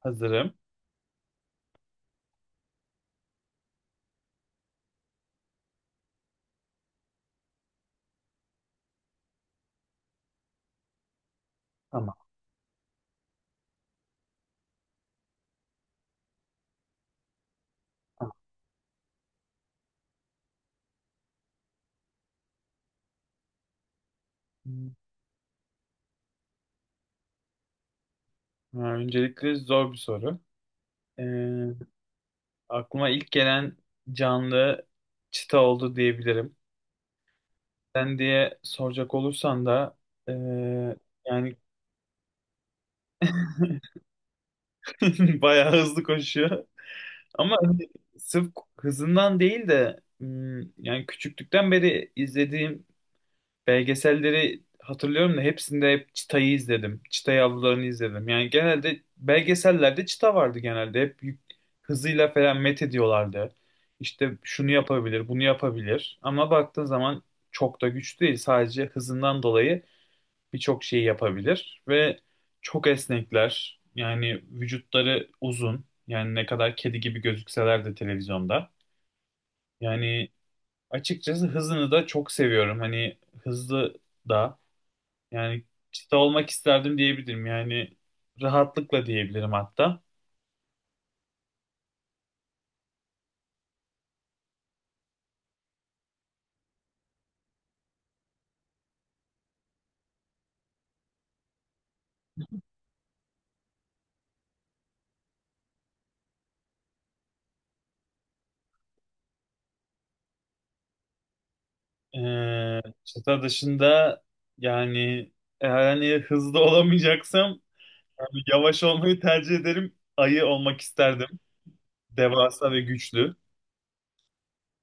Hazırım. Tamam. tamam. Hmm, öncelikle zor bir soru. Ee, Aklıma ilk gelen canlı çita oldu diyebilirim. Sen diye soracak olursan da ee, yani bayağı hızlı koşuyor. Ama hani sırf hızından değil de yani küçüklükten beri izlediğim belgeselleri hatırlıyorum da hepsinde hep çitayı izledim. Çitayı avlarını izledim. Yani genelde belgesellerde çita vardı genelde. Hızıyla falan met ediyorlardı. İşte şunu yapabilir, bunu yapabilir. Ama baktığın zaman çok da güçlü değil. Sadece hızından dolayı birçok şeyi yapabilir. Ve çok esnekler. Yani vücutları uzun. Yani ne kadar kedi gibi gözükseler de televizyonda. Yani açıkçası hızını da çok seviyorum. Hani hızlı da yani çıta olmak isterdim diyebilirim. Yani rahatlıkla diyebilirim hatta. Çıta dışında yani eğer hani hızlı olamayacaksam yani yavaş olmayı tercih ederim. Ayı olmak isterdim. Devasa ve güçlü.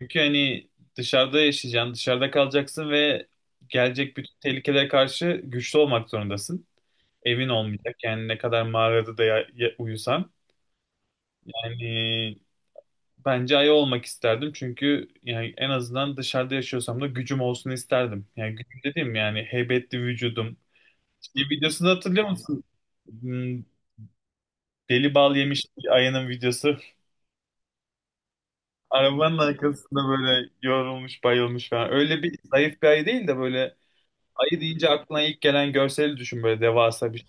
Çünkü hani dışarıda yaşayacaksın, dışarıda kalacaksın ve gelecek bütün tehlikelere karşı güçlü olmak zorundasın. Evin olmayacak. Yani ne kadar mağarada da uyusan. Yani bence ayı olmak isterdim. Çünkü yani en azından dışarıda yaşıyorsam da gücüm olsun isterdim. Yani gücüm dediğim yani heybetli vücudum. Şey videosunu hatırlıyor musun? Hmm, deli bal yemiş ayının videosu. Arabanın arkasında böyle yorulmuş, bayılmış falan. Öyle bir zayıf bir ayı değil de böyle ayı deyince aklına ilk gelen görseli düşün böyle devasa bir şey.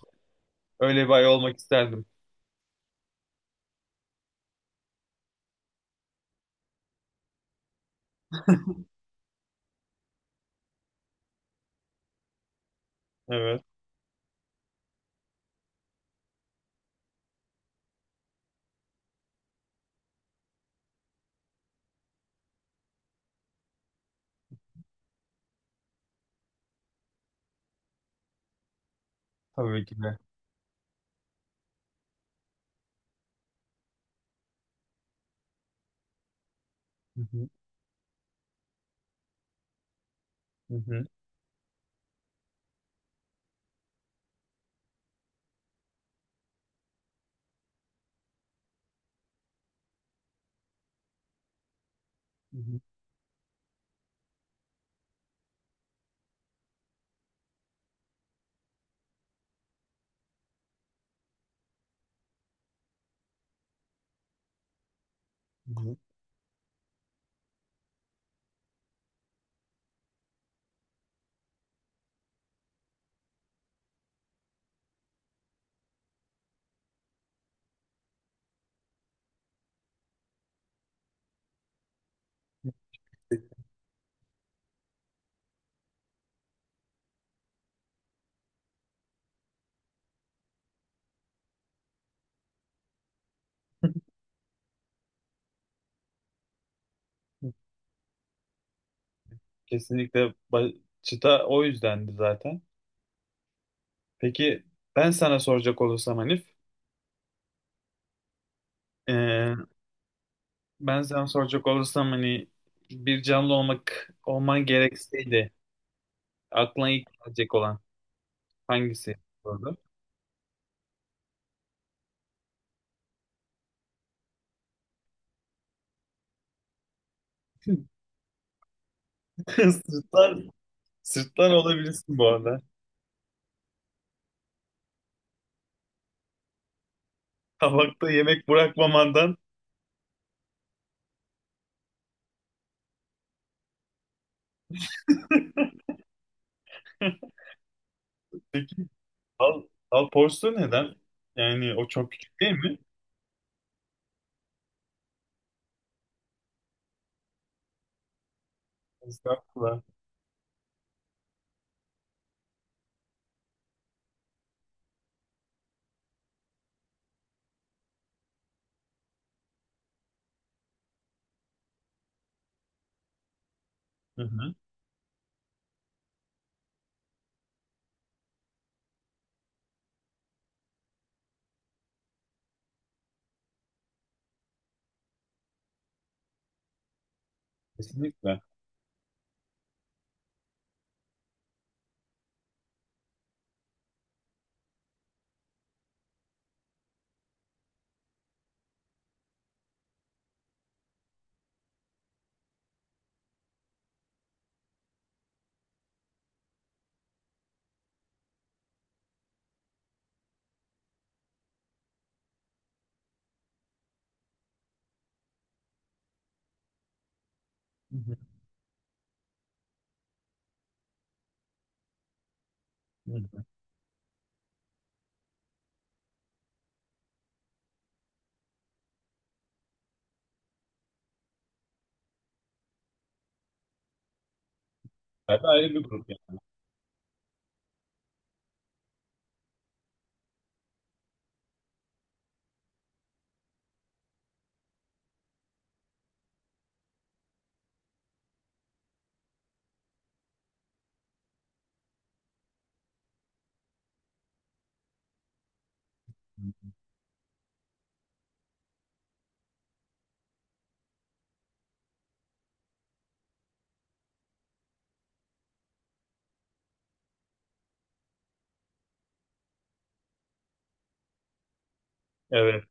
Öyle bir ayı olmak isterdim. Evet. Tabii ki de. Hı hı, hı hı, hı hı, hı hı. Kesinlikle, çıta o yüzdendi zaten. Peki ben sana soracak olursam Hanif, eee, ben sana soracak olursam hani bir canlı olman gerekseydi aklına ilk gelecek olan hangisi olurdu? Sırtlar, sırtlar olabilirsin bu arada. Tabakta yemek bırakmamandan. Peki al, al porsiyon neden? Yani o çok küçük değil mi? Estağfurullah. Hı hı. Kesinlikle. Hı hı. Hı hı. Tabii ayrı bir grup yani. Evet.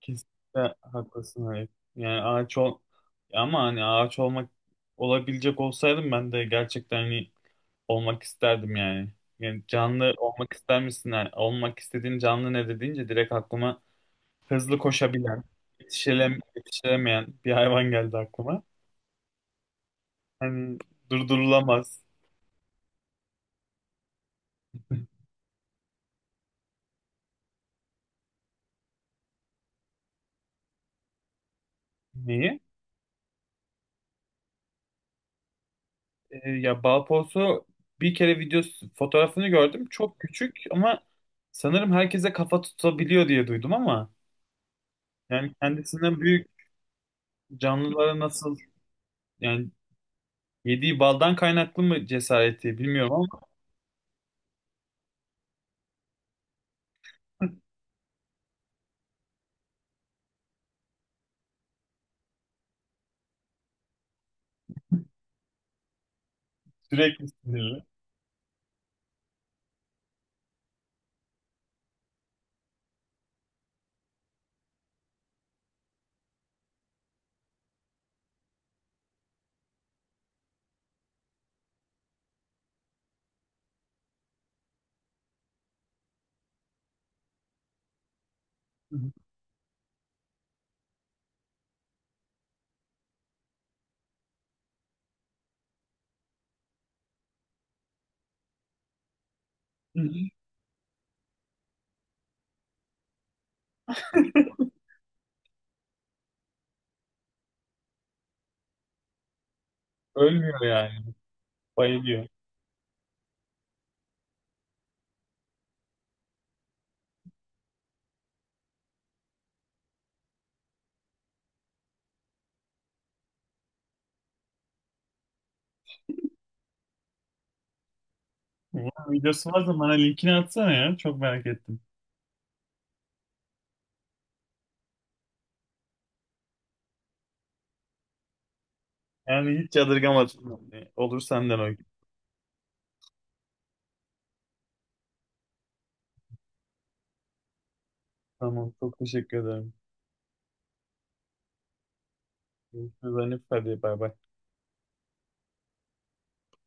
Kesinlikle haklısın Halep. Yani ağaç ol ama hani ağaç olmak olabilecek olsaydım ben de gerçekten hani olmak isterdim yani. Yani canlı olmak ister misin? Yani olmak istediğin canlı nedir deyince direkt aklıma hızlı koşabilen, yetişilemeyen bir hayvan geldi aklıma. Hani durdurulamaz. Neyi? Ya balposu bir kere videosu fotoğrafını gördüm. Çok küçük ama sanırım herkese kafa tutabiliyor diye duydum ama yani kendisinden büyük canlılara nasıl yani yediği baldan kaynaklı mı cesareti bilmiyorum ama sürekli sinirli. Ölmüyor yani. Bayılıyor. Bunun videosu varsa bana linkini atsana ya. Çok merak ettim. Yani hiç yadırgamadım. Olur senden o. gün. Tamam. Çok teşekkür ederim. Görüşürüz Hanif. Hadi bay bay.